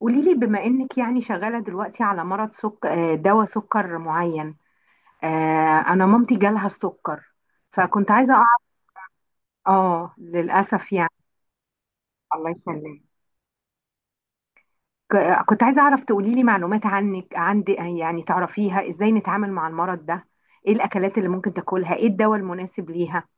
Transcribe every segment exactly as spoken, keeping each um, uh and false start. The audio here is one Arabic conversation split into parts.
قولي لي بما انك يعني شغاله دلوقتي على مرض سك... آه، دواء سكر معين. آه، انا مامتي جالها السكر، فكنت عايزه اعرف. اه للاسف يعني. الله يسلمك. ك- كنت عايزه اعرف تقولي لي معلومات عنك عندي يعني تعرفيها ازاي نتعامل مع المرض ده، ايه الاكلات اللي ممكن تاكلها، ايه الدواء المناسب ليها.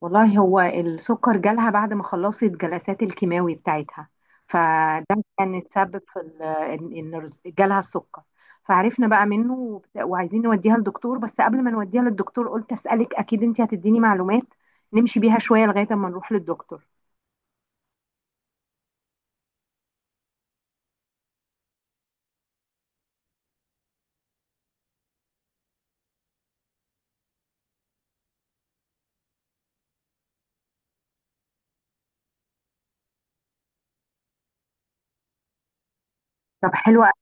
والله هو السكر جالها بعد ما خلصت جلسات الكيماوي بتاعتها، فده كان السبب في ال- ان إن جالها السكر. فعرفنا بقى منه وبت- وعايزين نوديها للدكتور، بس قبل ما نوديها للدكتور قلت اسالك اكيد انت هتديني معلومات نمشي بيها شويه لغايه اما نروح للدكتور. طب حلوه أوي.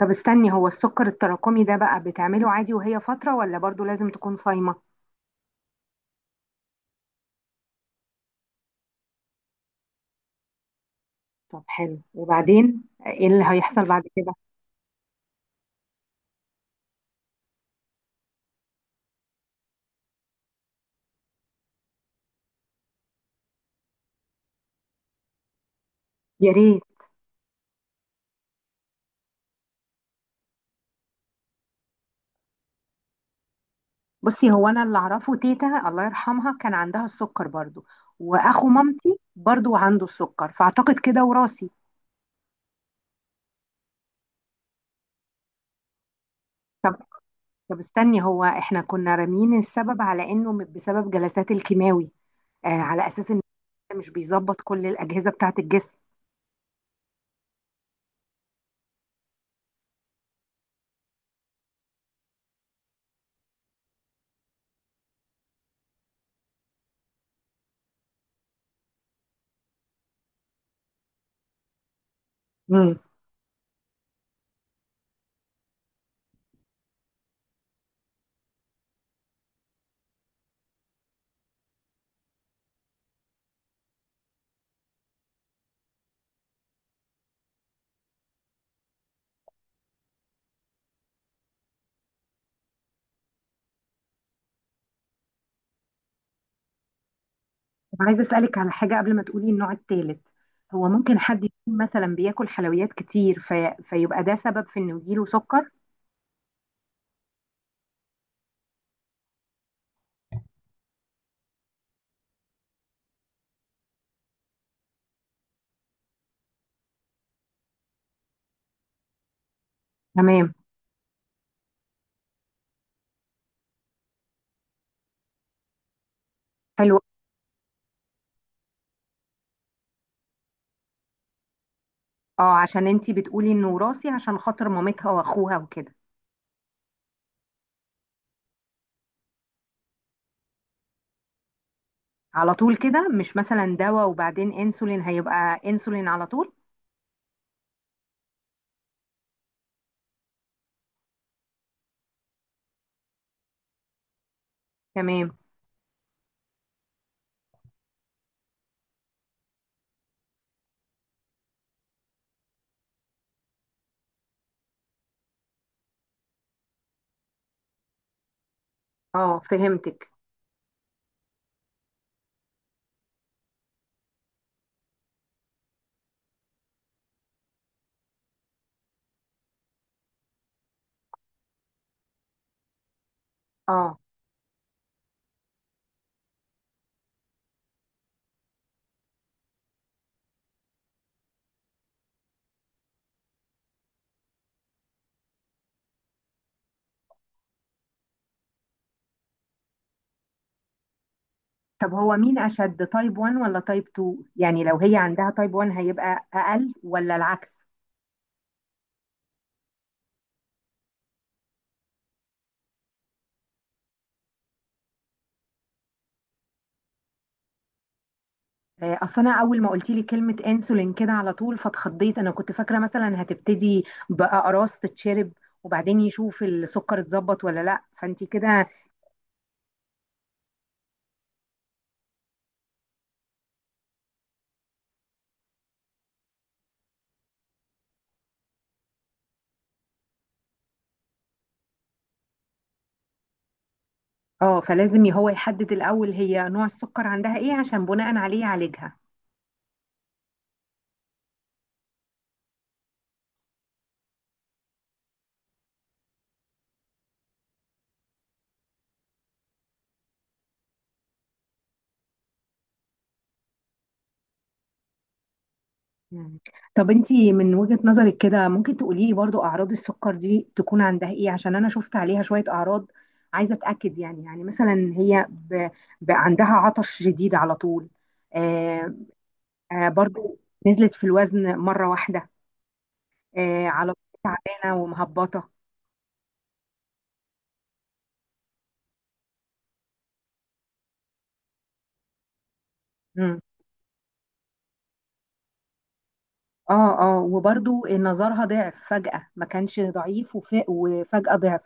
طب استني، هو السكر التراكمي ده بقى بتعمله عادي وهي فتره، ولا برضو لازم تكون صايمه؟ طب حلو، وبعدين ايه اللي هيحصل بعد كده؟ يا ريت. بصي، هو انا اللي اعرفه تيتا الله يرحمها كان عندها السكر برضو، واخو مامتي برضو عنده السكر، فاعتقد كده وراثي. طب طب استني، هو احنا كنا رامين السبب على انه م- بسبب جلسات الكيماوي، آه على اساس ان مش بيظبط كل الاجهزه بتاعه الجسم. مم. طب عايزه اسالك على حاجه قبل ما تقولي النوع الثالث، هو ممكن حد يكون مثلا بياكل حلويات كتير في... فيبقى ده سبب في انه يجيله سكر؟ تمام. حلو. اه عشان انتي بتقولي انه وراثي عشان خاطر مامتها واخوها وكده. على طول كده؟ مش مثلا دواء وبعدين انسولين؟ هيبقى انسولين على طول؟ تمام. اه فهمتك. اه طب هو مين اشد، تايب واحد ولا تايب اتنين؟ يعني لو هي عندها تايب واحد هيبقى اقل ولا العكس؟ آه، اصل انا اول ما قلت لي كلمه انسولين كده على طول فاتخضيت، انا كنت فاكره مثلا هتبتدي باقراص تتشرب وبعدين يشوف السكر اتظبط ولا لا، فانت كده. اه فلازم هو يحدد الاول هي نوع السكر عندها ايه عشان بناء عليه يعالجها. مم. طب انتي من وجهة نظرك كده ممكن تقولي لي برضو اعراض السكر دي تكون عندها ايه؟ عشان انا شفت عليها شوية اعراض، عايزة اتأكد يعني. يعني مثلا هي ب... ب... عندها عطش شديد على طول. آه. آه برضو. نزلت في الوزن مرة واحدة. آه، على طول تعبانة ومهبطة. مم. اه اه، وبرضو نظرها ضعف فجأة، ما كانش ضعيف وف... وفجأة ضعف.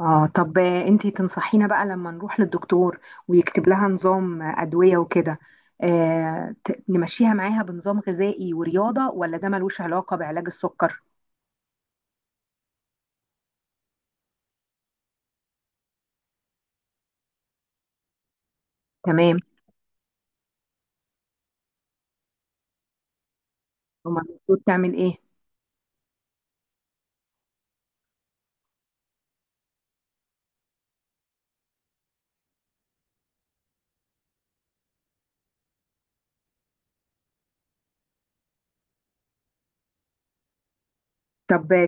اه طب آه، انتي تنصحينا بقى لما نروح للدكتور ويكتب لها نظام آه، أدوية وكده، آه ت- نمشيها معاها بنظام غذائي ورياضة، ولا ده ملوش علاقة بعلاج السكر؟ تمام. هما المفروض تعمل ايه؟ طب آه،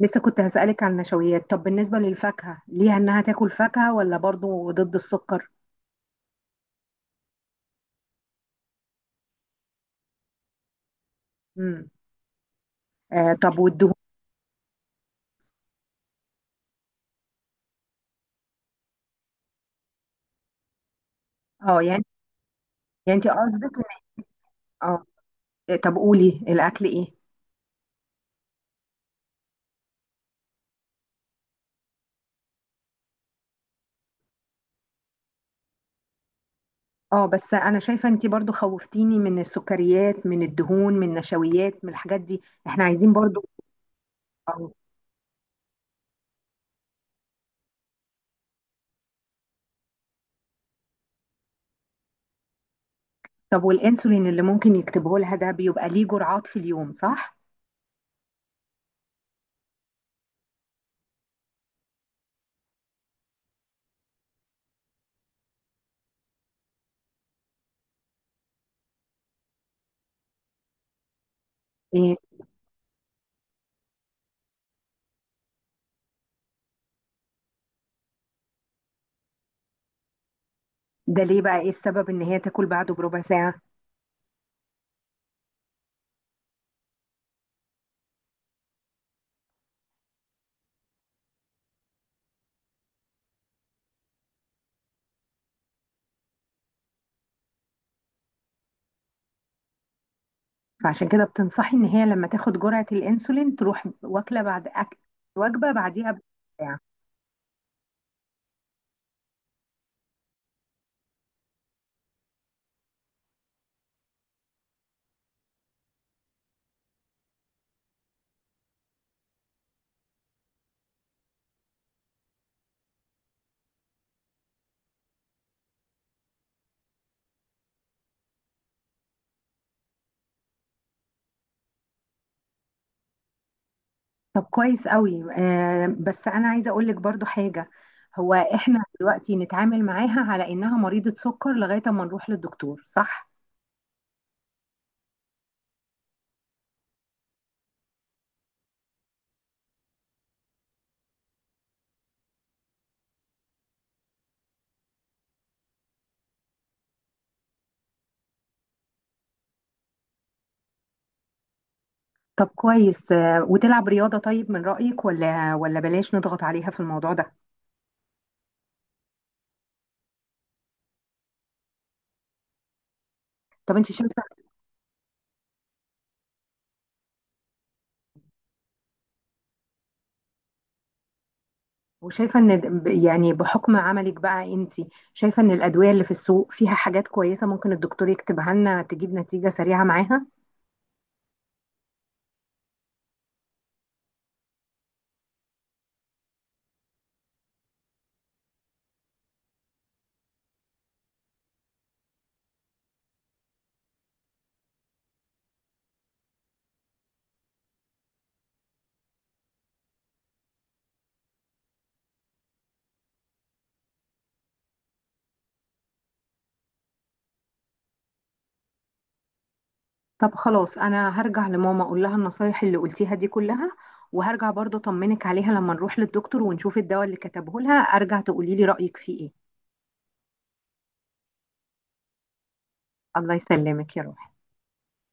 لسه كنت هسألك عن النشويات. طب بالنسبة للفاكهة، ليها انها تاكل فاكهة ولا برضو ضد السكر؟ امم. آه طب والدهون؟ اه يعني. يعني انتي قصدك إن- اه طب قولي، الأكل ايه؟ اه بس انا شايفه انتي برضو خوفتيني من السكريات، من الدهون، من النشويات، من الحاجات دي، احنا عايزين برضو. أو. طب والانسولين اللي ممكن يكتبه لها ده بيبقى ليه جرعات في اليوم صح؟ إيه ده ليه بقى، ايه السبب ان هي تاكل بعده بربع ساعه؟ فعشان كده بتنصحي ان هي لما تاخد جرعه الانسولين تروح واكله بعد أكل، وجبه بعديها بربع ساعه. طب كويس قوي. آه بس انا عايزه اقول لك برضو حاجه، هو احنا دلوقتي نتعامل معاها على انها مريضه سكر لغايه ما نروح للدكتور صح؟ طب كويس. آه، وتلعب رياضة طيب من رأيك، ولا ولا بلاش نضغط عليها في الموضوع ده؟ طب انت شايفة. وشايفة ان د- ب- يعني بحكم عملك بقى انت، شايفة ان الأدوية اللي في السوق فيها حاجات كويسة ممكن الدكتور يكتبها لنا تجيب نتيجة سريعة معاها؟ طب خلاص، انا هرجع لماما اقول لها النصايح اللي قلتيها دي كلها، وهرجع برضه اطمنك عليها لما نروح للدكتور ونشوف الدواء اللي كتبه لها ارجع تقولي لي رأيك فيه ايه. الله يسلمك يا روحي.